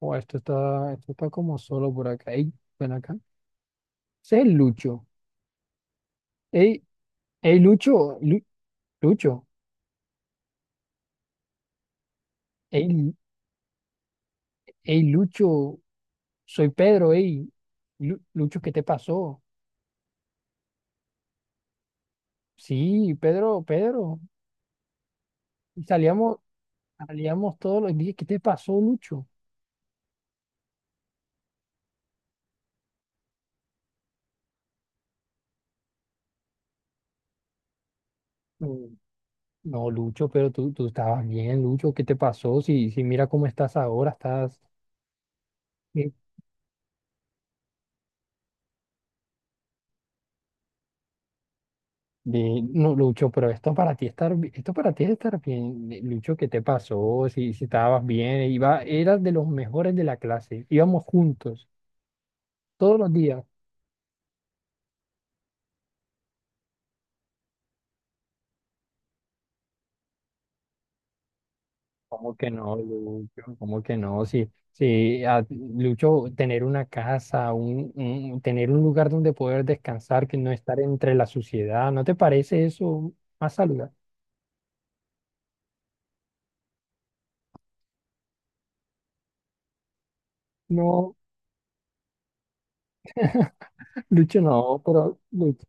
Oh, esto está como solo por acá. Ey, ven acá. Ese es Lucho. Ey, ey, Lucho, Lucho. Ey, ey, Lucho, soy Pedro, ey. Lucho, ¿qué te pasó? Sí, Pedro, Pedro. Salíamos, salíamos todos los días. ¿Qué te pasó, Lucho? No, no, Lucho, pero tú estabas bien, Lucho. ¿Qué te pasó? Si, si mira cómo estás ahora, estás. De, no, Lucho, pero esto para ti estar, esto para ti es estar bien. Lucho, ¿qué te pasó? Si, si estabas bien, iba, eras de los mejores de la clase, íbamos juntos, todos los días. ¿Cómo que no, Lucho? ¿Cómo que no? Si, si Lucho, tener una casa, tener un lugar donde poder descansar, que no estar entre la suciedad, ¿no te parece eso más saludable? No, Lucho, no, pero Lucho.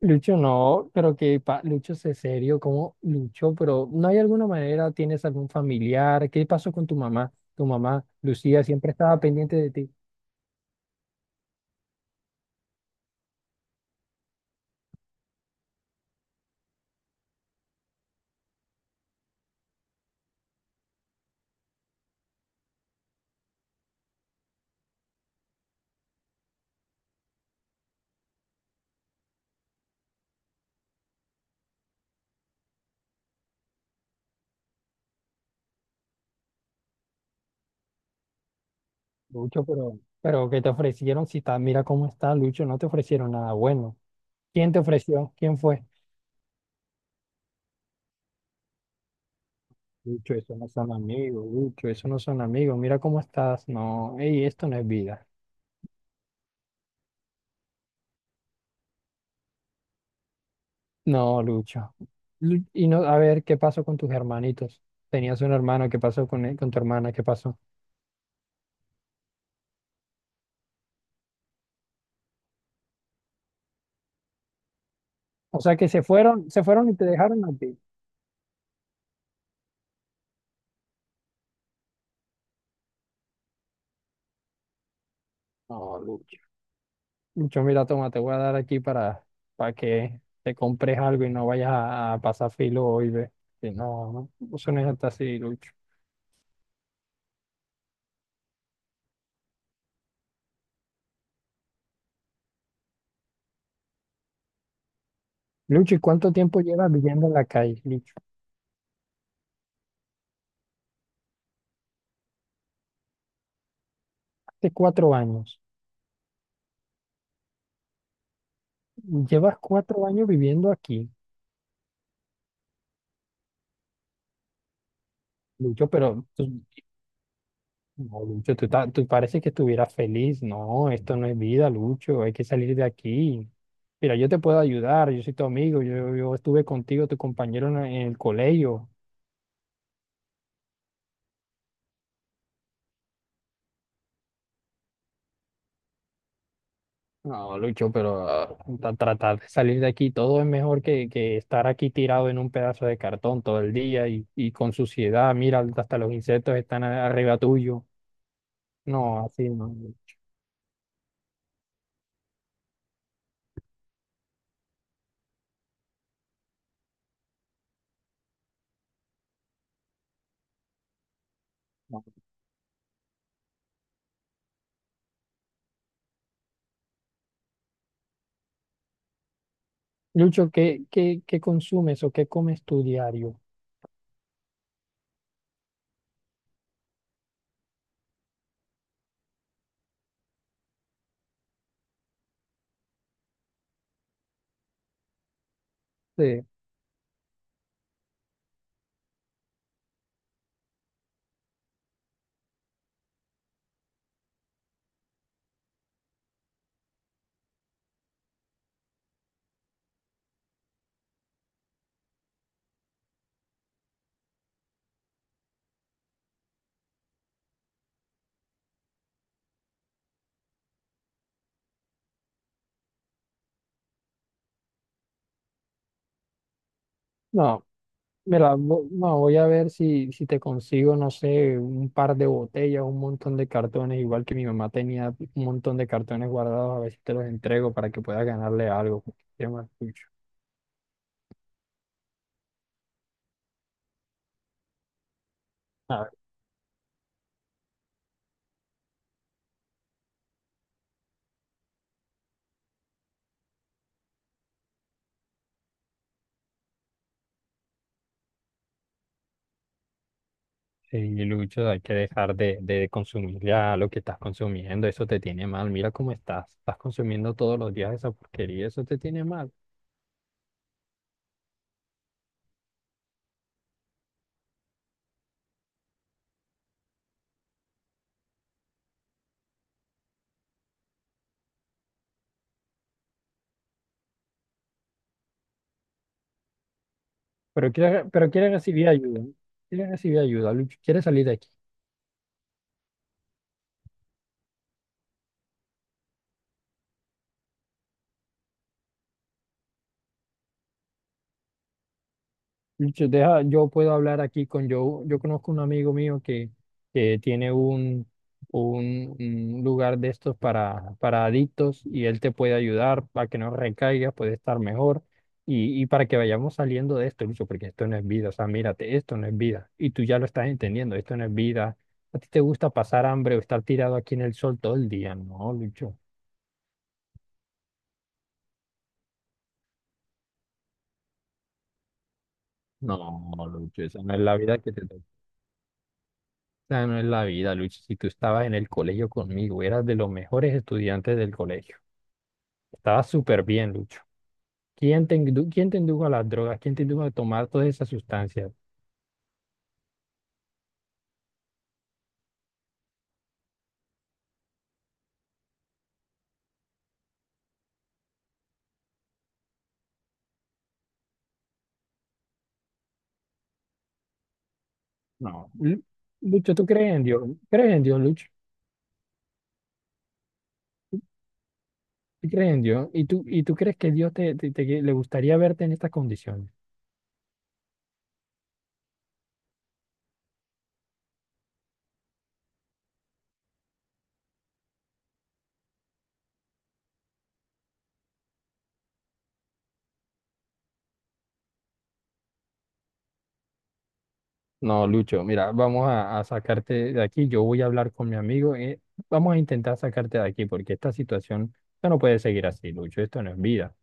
Lucho, no, pero que Lucho, sé serio, ¿cómo Lucho? Pero ¿no hay alguna manera? ¿Tienes algún familiar? ¿Qué pasó con tu mamá? Tu mamá, Lucía, siempre estaba pendiente de ti. Lucho, pero ¿qué te ofrecieron? Si está, mira cómo está, Lucho, no te ofrecieron nada bueno. ¿Quién te ofreció? ¿Quién fue? Lucho, eso no son amigos, Lucho, eso no son amigos. Mira cómo estás. No, ey, esto no es vida. No, Lucho. Y no, a ver, ¿qué pasó con tus hermanitos? Tenías un hermano, ¿qué pasó con él, con tu hermana? ¿Qué pasó? O sea que se fueron y te dejaron a ti. No, Lucho. Lucho, mira, toma, te voy a dar aquí para que te compres algo y no vayas a pasar filo hoy, ve. Que no, no, eso no es hasta así, Lucho. Lucho, ¿y cuánto tiempo llevas viviendo en la calle, Lucho? Hace 4 años. Llevas 4 años viviendo aquí, Lucho, pero tú, no, Lucho, tú, tú parece que estuvieras feliz. No, esto no es vida, Lucho. Hay que salir de aquí. Mira, yo te puedo ayudar, yo soy tu amigo, yo estuve contigo, tu compañero en el colegio. No, Lucho, pero tratar de salir de aquí, todo es mejor que estar aquí tirado en un pedazo de cartón todo el día y con suciedad, mira, hasta los insectos están arriba tuyo. No, así no. No. Lucho, ¿qué, qué, qué consumes o qué comes tu diario? Sí. No. Mira, no, voy a ver si, si te consigo, no sé, un par de botellas, un montón de cartones, igual que mi mamá tenía un montón de cartones guardados, a ver si te los entrego para que puedas ganarle algo, porque se llama Lucho. A ver, sí, Lucho, hay que dejar de consumir ya lo que estás consumiendo, eso te tiene mal, mira cómo estás, estás consumiendo todos los días esa porquería, eso te tiene mal. Pero quieres recibir ayuda, ¿no? Quieres recibir ayuda, Lucho, quieres salir de aquí. Yo, deja, yo puedo hablar aquí con Joe. Yo conozco un amigo mío que tiene un lugar de estos para adictos y él te puede ayudar para que no recaigas, puede estar mejor y para que vayamos saliendo de esto, Lucho, porque esto no es vida. O sea, mírate, esto no es vida. Y tú ya lo estás entendiendo, esto no es vida. ¿A ti te gusta pasar hambre o estar tirado aquí en el sol todo el día? No, Lucho. No, Lucho, esa no es la vida que te sea, no es la vida, Lucho. Si tú estabas en el colegio conmigo, eras de los mejores estudiantes del colegio. Estabas súper bien, Lucho. ¿Quién te, quién te indujo a las drogas? ¿Quién te indujo a tomar todas esas sustancias? No. Lucho, ¿tú crees en Dios? ¿Crees en Dios, Lucho? ¿Tú crees en Dios? Y tú crees que Dios te, le gustaría verte en estas condiciones? No, Lucho, mira, vamos a sacarte de aquí. Yo voy a hablar con mi amigo. Vamos a intentar sacarte de aquí porque esta situación ya no puede seguir así, Lucho. Esto no es vida.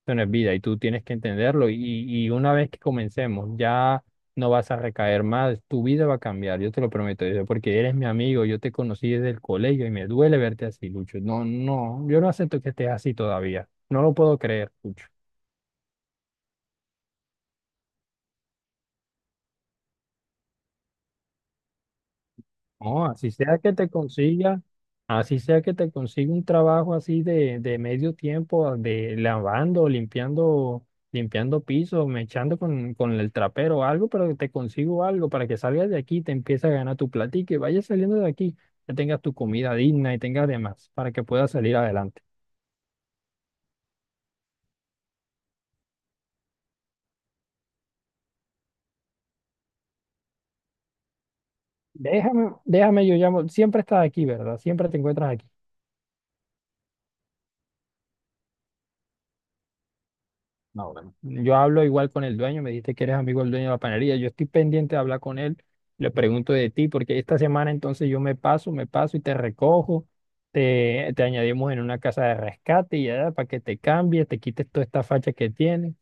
Esto no es vida y tú tienes que entenderlo. Y una vez que comencemos, ya no vas a recaer más. Tu vida va a cambiar, yo te lo prometo. Porque eres mi amigo. Yo te conocí desde el colegio y me duele verte así, Lucho. No, no, yo no acepto que estés así todavía. No lo puedo creer, Lucho. No, así sea que te consiga, así sea que te consiga un trabajo así de medio tiempo, de lavando, limpiando, limpiando pisos, echando con el trapero o algo, pero que te consigo algo para que salgas de aquí, te empieces a ganar tu platica y vayas saliendo de aquí, que tengas tu comida digna y tengas demás para que puedas salir adelante. Déjame, déjame, yo llamo, siempre estás aquí, ¿verdad? Siempre te encuentras aquí. No, bueno. Yo hablo igual con el dueño, me dijiste que eres amigo del dueño de la panadería. Yo estoy pendiente de hablar con él, le pregunto de ti, porque esta semana entonces yo me paso y te recojo, te añadimos en una casa de rescate y ya para que te cambies, te quites toda esta facha que tienes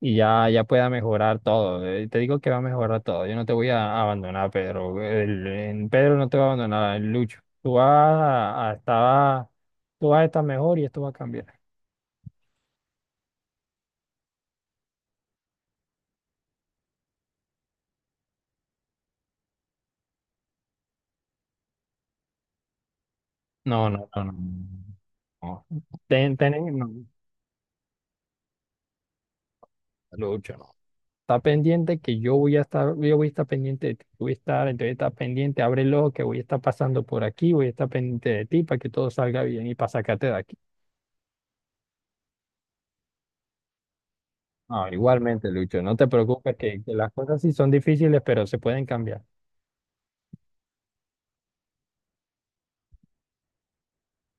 y ya, ya pueda mejorar todo. Te digo que va a mejorar todo. Yo no te voy a abandonar, Pedro. El Pedro no te va a abandonar, el Lucho. Tú vas a estar, tú vas a estar mejor y esto va a cambiar. No, no, no, no. No. Ten, no, Lucho, no. Está pendiente que yo voy a estar, yo voy a estar pendiente de ti. Voy a estar, entonces está pendiente, abre el ojo que voy a estar pasando por aquí, voy a estar pendiente de ti para que todo salga bien y para sacarte de aquí. No, igualmente, Lucho, no te preocupes que las cosas sí son difíciles, pero se pueden cambiar.